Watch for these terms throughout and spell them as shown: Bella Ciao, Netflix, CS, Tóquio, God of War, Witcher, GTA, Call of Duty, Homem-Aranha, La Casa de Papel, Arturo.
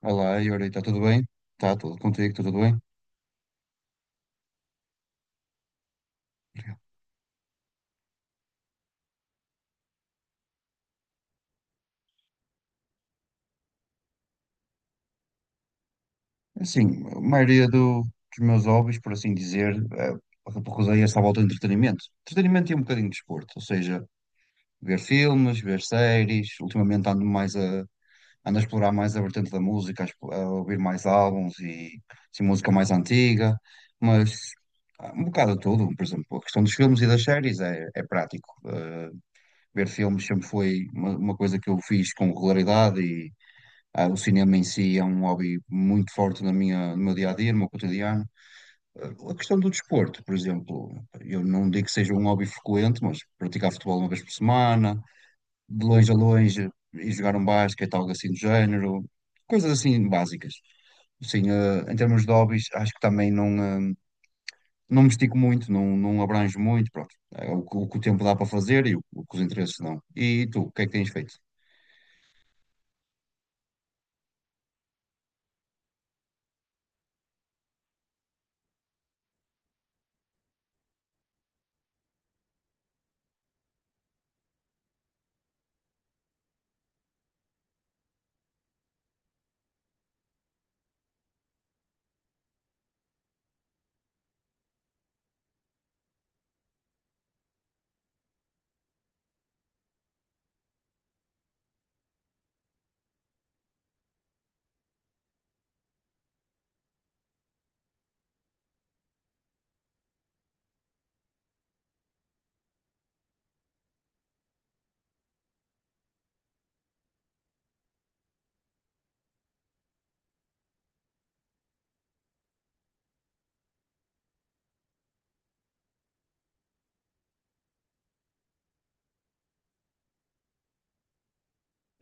Olá, Yuri, está tudo bem? Está tudo contigo, está tudo bem? Obrigado. Assim, a maioria dos meus hobbies, por assim dizer, repousei-se à volta do entretenimento. Entretenimento e um bocadinho de desporto, ou seja, ver filmes, ver séries. Ultimamente ando a explorar mais a vertente da música, a ouvir mais álbuns e assim, música mais antiga, mas há um bocado de tudo. Por exemplo, a questão dos filmes e das séries é prático. Ver filmes sempre foi uma coisa que eu fiz com regularidade. Ah, o cinema em si é um hobby muito forte no meu dia a dia, no meu cotidiano. Ah, a questão do desporto, por exemplo, eu não digo que seja um hobby frequente, mas praticar futebol uma vez por semana, de longe a longe, e jogar um basquete, algo assim do género, coisas assim básicas. Sim, em termos de hobbies, acho que também não, eh, não me estico muito, não, não abranjo muito, pronto. É o que o tempo dá para fazer e o que os interesses dão. E tu, o que é que tens feito?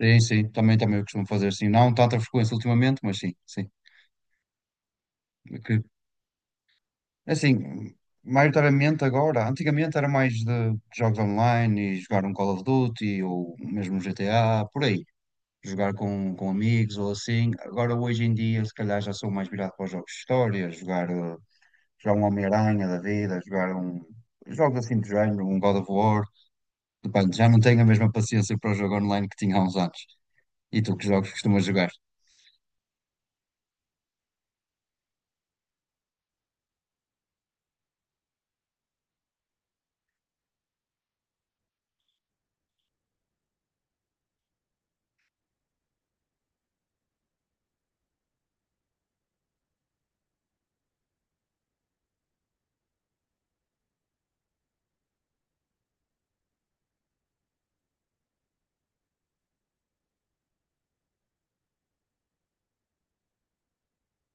Sim, sim, também eu costumo fazer, sim, não tanta frequência ultimamente, mas sim, sim. Ok. Assim, maioritariamente agora, antigamente era mais de jogos online e jogar um Call of Duty ou mesmo um GTA, por aí. Jogar com amigos ou assim. Agora, hoje em dia, se calhar já sou mais virado para os jogos de história, jogar um Homem-Aranha da vida, jogar um. Jogos assim de género, um God of War. Depende, já não tenho a mesma paciência para o jogo online que tinha há uns anos. E tu, que jogos costumas jogar?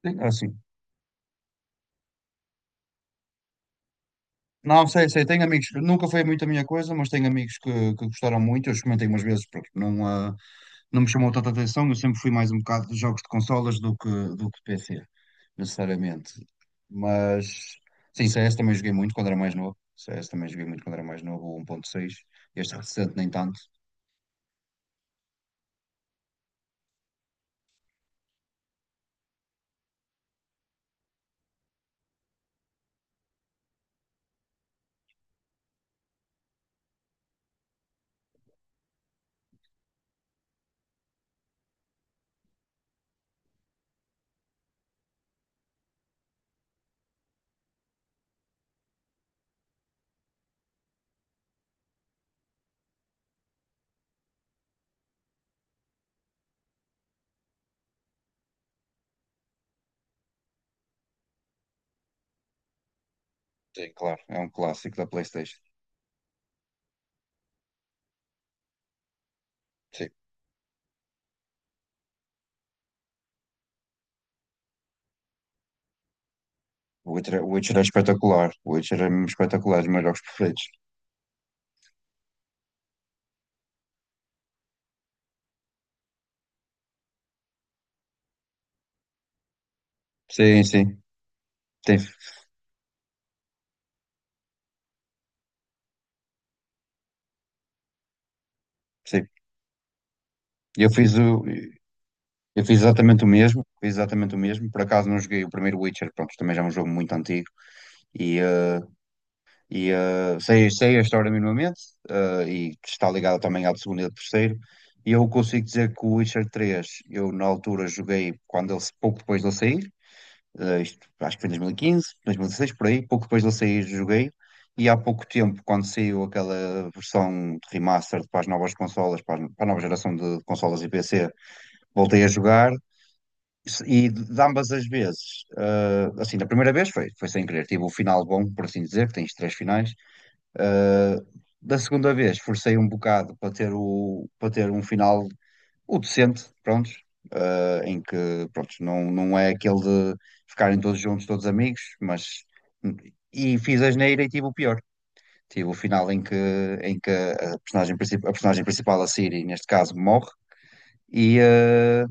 Sim, é assim. Não, sei, tenho amigos, nunca foi muito a minha coisa, mas tenho amigos que gostaram muito, eu experimentei umas vezes, porque não, não me chamou tanta atenção, eu sempre fui mais um bocado de jogos de consolas do que de PC, necessariamente. Mas, sim, CS também joguei muito quando era mais novo, o 1.6. Este recente nem tanto, sim, claro, é um clássico da PlayStation, sim. O Witcher é espetacular, o Witcher é mesmo espetacular, os meus jogos preferidos. Sim, sim, tem, sim. Eu fiz o, Eu fiz exatamente o mesmo, fiz exatamente o mesmo. Por acaso não joguei o primeiro Witcher, pronto, também já é um jogo muito antigo. E, eh, sei a história minimamente, e que está ligada também ao do segundo e ao do terceiro. E eu consigo dizer que o Witcher 3, eu na altura joguei quando ele, pouco depois de ele sair, isto, acho que foi em 2015, 2016 por aí, pouco depois de ele sair joguei. E há pouco tempo, quando saiu aquela versão de remaster para as novas consolas, para a nova geração de consolas e PC, voltei a jogar e de ambas as vezes, assim, da primeira vez foi sem querer, tive o final bom, por assim dizer, que tens três finais. Eh, Da segunda vez, forcei um bocado para ter um final o decente, prontos, em que, prontos, não, não é aquele de ficarem todos juntos, todos amigos, mas. E fiz a asneira e tive o pior. Tive o final em que a personagem principal, a Siri, neste caso, morre e, eh,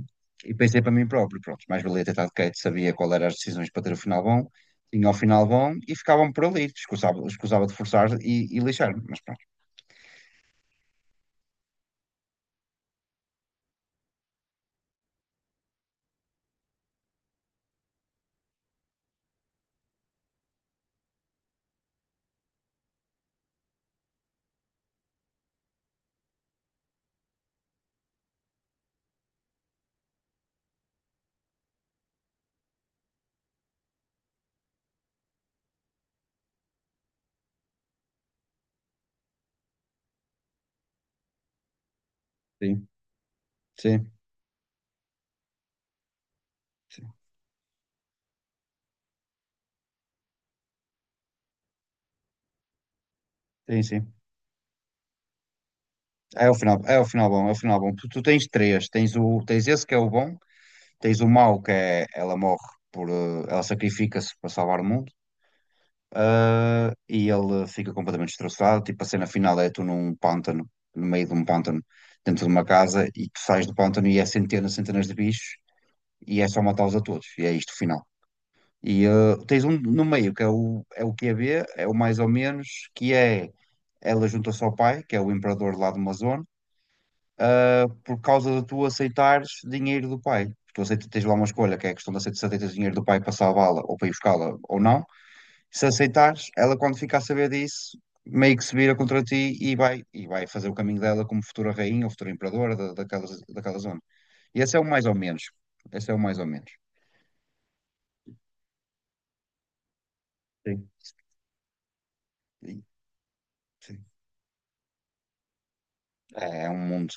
e pensei para mim próprio, pronto, mais valia ter estado quieto, sabia qual eram as decisões para ter o final bom, tinha o final bom e ficavam por ali, escusava, escusava de forçar e lixar-me, mas pronto, sim, sim, sim, sim, sim. É o final bom, é o final bom. Tu tens três, tens o, tens esse que é o bom, tens o mau que é, ela morre por, ela sacrifica-se para salvar o mundo. Ah, e ele fica completamente destroçado. Tipo, a cena final é tu num pântano, no meio de um pântano, dentro de uma casa, e tu sais do pântano e é centenas, centenas de bichos, e é só matá-los a todos. E é isto o final. E, ah, tens um no meio, que é o QB, é o mais ou menos, que é ela junta-se ao pai, que é o imperador lá de uma zona, por causa de tu aceitares dinheiro do pai. Tu aceitas, tens lá uma escolha, que é a questão de aceitar dinheiro do pai para salvá-la ou para ir buscá-la ou não. Se aceitares, ela quando ficar a saber disso, meio que se vira contra ti e vai, fazer o caminho dela como futura rainha ou futura imperadora daquela zona. E esse é o mais ou menos. Esse é o mais ou menos. Sim. E- sim. É, é um mundo.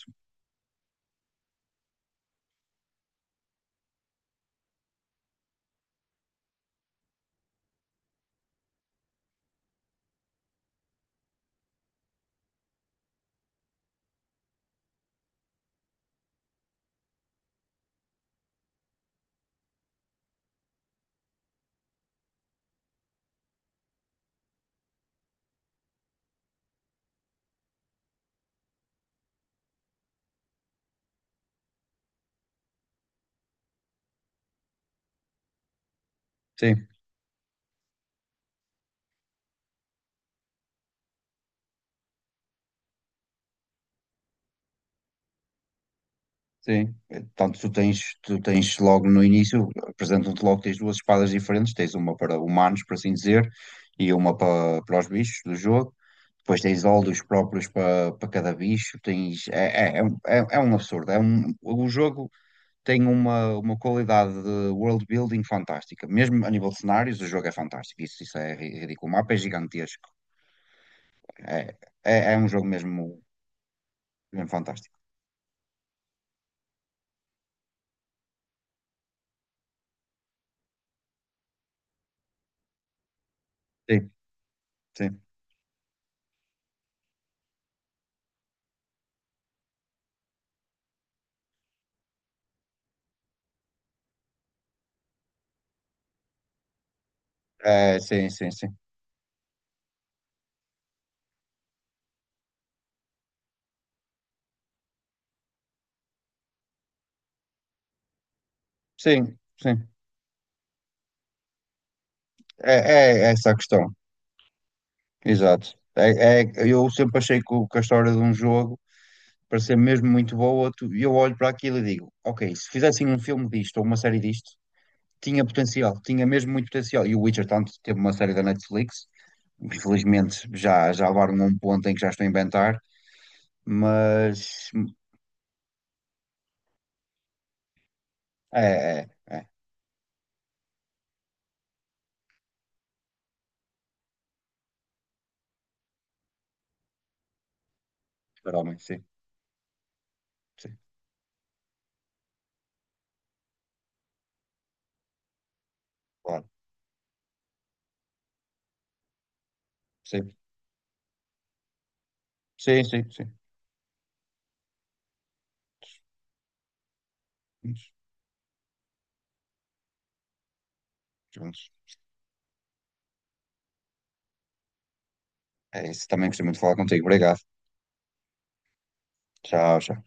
Sim, sim. Tanto tu tens logo no início, apresentam-te logo, tens duas espadas diferentes, tens uma para humanos, por assim dizer, e uma para os bichos do jogo. Depois tens óleos próprios para cada bicho, tens, é, é é um absurdo, o jogo tem uma qualidade de world building fantástica. Mesmo a nível de cenários, o jogo é fantástico. Isso é ridículo. O mapa é gigantesco. É, é um jogo mesmo, mesmo fantástico. Sim, sim. Sim, sim, sim. Sim, sim. É, é essa a questão. Exato. Eu sempre achei que a história de um jogo, para ser mesmo muito boa, eu olho para aquilo e digo, ok, se fizessem um filme disto ou uma série disto, tinha potencial, tinha mesmo muito potencial. E o Witcher, tanto, teve uma série da Netflix, infelizmente já levaram a um ponto em que já estou a inventar, mas é, é, é, para homem, sim, sim, claro, sim, sim, sim, sim. Juntos. É isso, também gostei muito de falar contigo, obrigado, tchau, tchau.